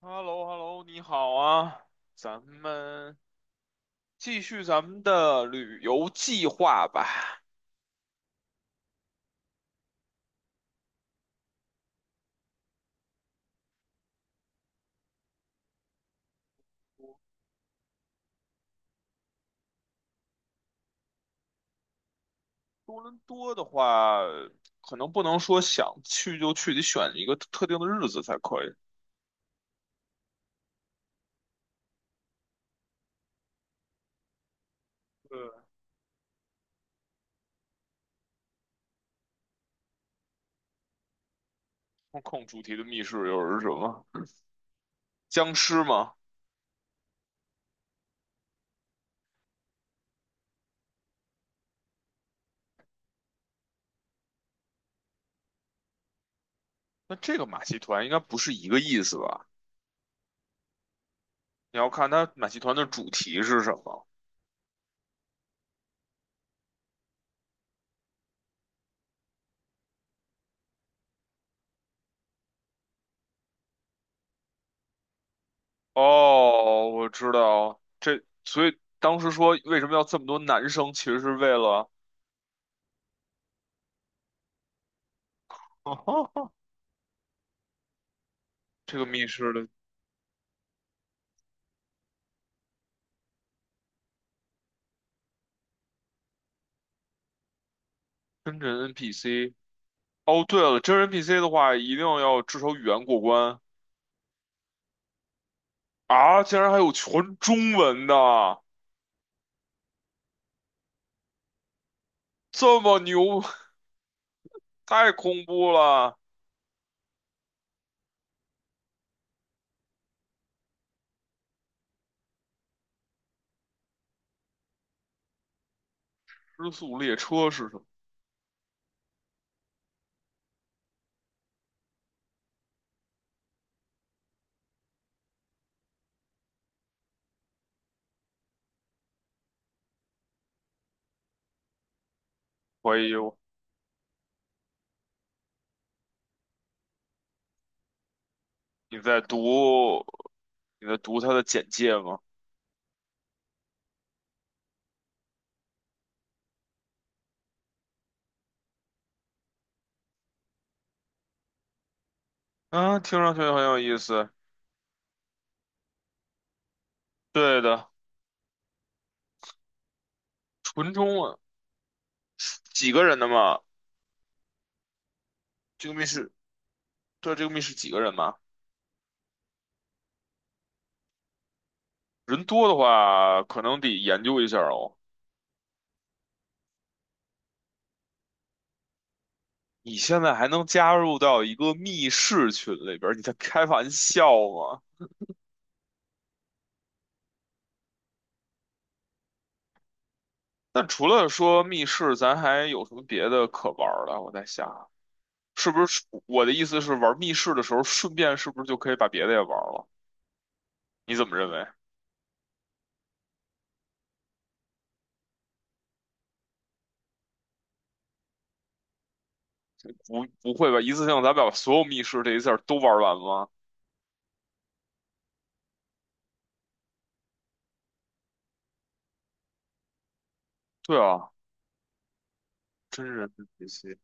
h e l l o h e l l o 你好啊，咱们继续咱们的旅游计划吧。多伦多的话，可能不能说想去就去，得选一个特定的日子才可以。对，控控主题的密室又是什么？僵尸吗？那这个马戏团应该不是一个意思吧？你要看它马戏团的主题是什么。哦，我知道，这，所以当时说为什么要这么多男生，其实是为了 这个密室的。真人 NPC。哦，对了，真人 NPC 的话，一定要至少语言过关啊！竟然还有全中文的，这么牛，太恐怖了！《失速列车》是什么？怀疑我你在读你在读它的简介吗？啊，听上去很有意思。对的，纯中文，几个人的嘛？这个密室，对，这个密室几个人嘛？人多的话，可能得研究一下哦。你现在还能加入到一个密室群里边儿，你在开玩笑吗？那除了说密室，咱还有什么别的可玩儿的？我在想，是不是我的意思是，玩密室的时候，顺便是不是就可以把别的也玩儿了？你怎么认为？不，不会吧？一次性咱把所有密室这一下都玩完吗？对啊，真人的解析，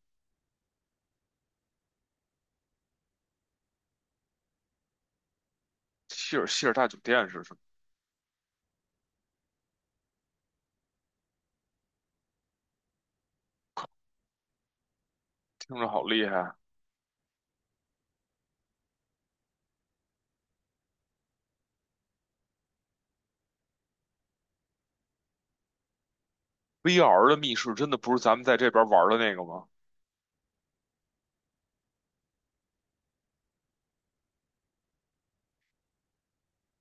希尔希尔大酒店是什么？听着好厉害！VR 的密室真的不是咱们在这边玩的那个吗？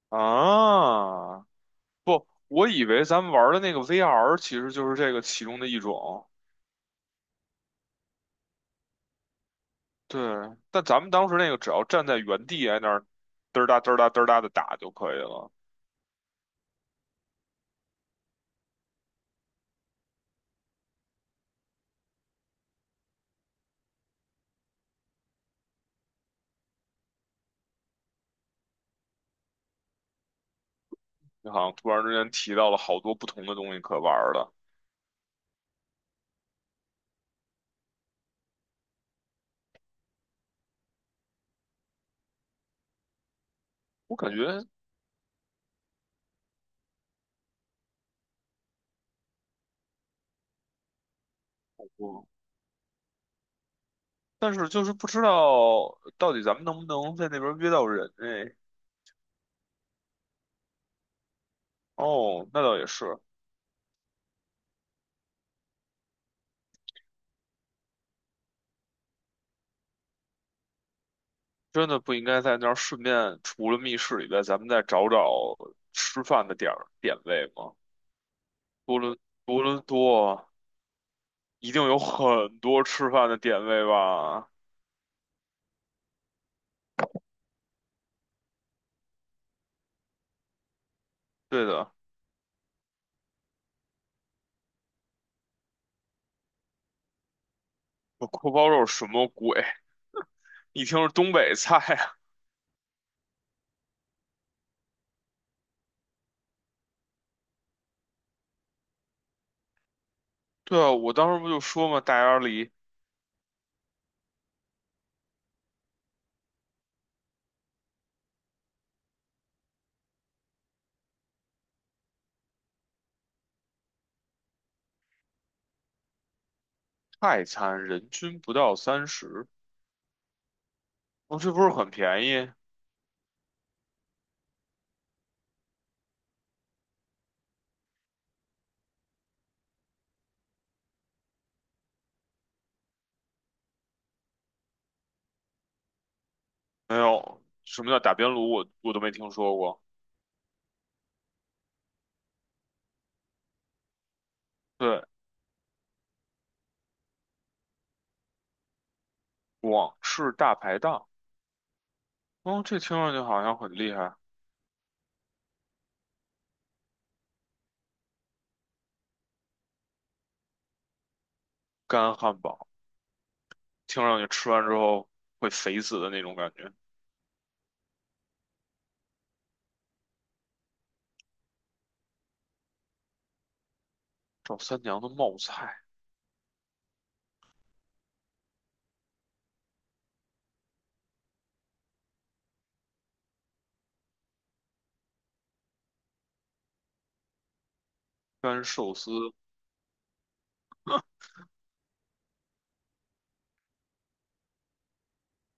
啊，不，我以为咱们玩的那个 VR 其实就是这个其中的一种。对，但咱们当时那个只要站在原地在那儿嘚儿哒嘚儿哒嘚儿哒的打就可以了。你好像突然之间提到了好多不同的东西可玩儿的，我感觉，嗯，但是就是不知道到底咱们能不能在那边约到人哎。哦，那倒也是，真的不应该在那儿顺便除了密室以外，咱们再找找吃饭的点儿点位吗？多伦多伦多。一定有很多吃饭的点位吧？对的，我锅包肉什么鬼？一听是东北菜啊。对啊，我当时不就说嘛，大鸭梨快餐人均不到30，哦，这不是很便宜？没有，什么叫打边炉？我都没听说过。对，广式大排档，哦，这听上去好像很厉害。干汉堡，听上去吃完之后会肥死的那种感觉。赵三娘的冒菜，干寿司。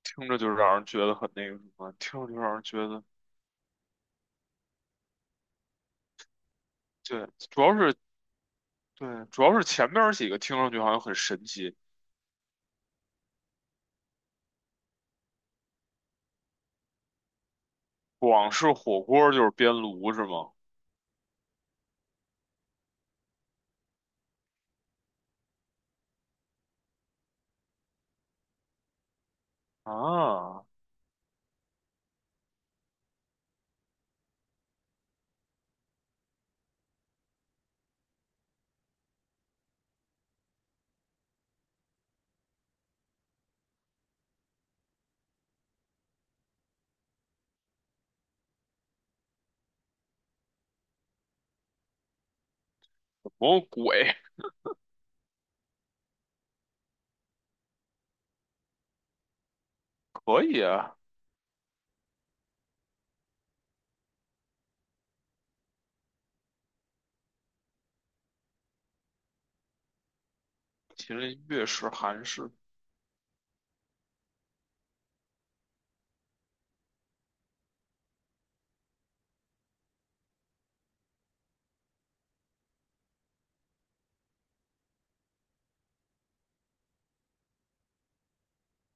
听着就让人觉得很那个什么，听着就让人觉得，对，主要是对，主要是前面几个听上去好像很神奇，广式火锅就是边炉是吗？啊，什么鬼？可以啊，麒麟粤式、韩式、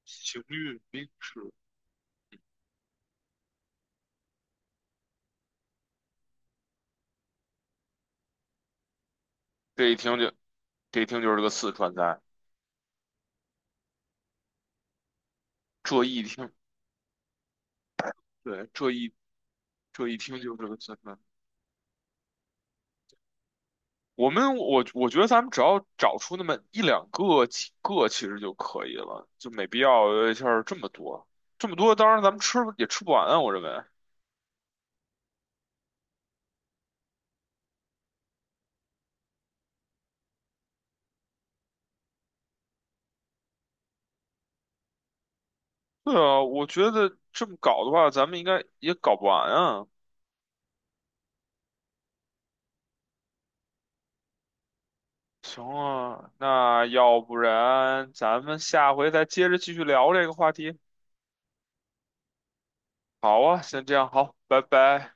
行运冰式，这一听就，这一听就是个四川菜，这一听，对，这一听就是个四川我觉得咱们只要找出那么一两个几个其实就可以了，就没必要一下儿这么多，这么多当然咱们吃也吃不完啊，我认为。对啊，我觉得这么搞的话，咱们应该也搞不完啊。行啊，那要不然咱们下回再接着继续聊这个话题。好啊，先这样，好，拜拜。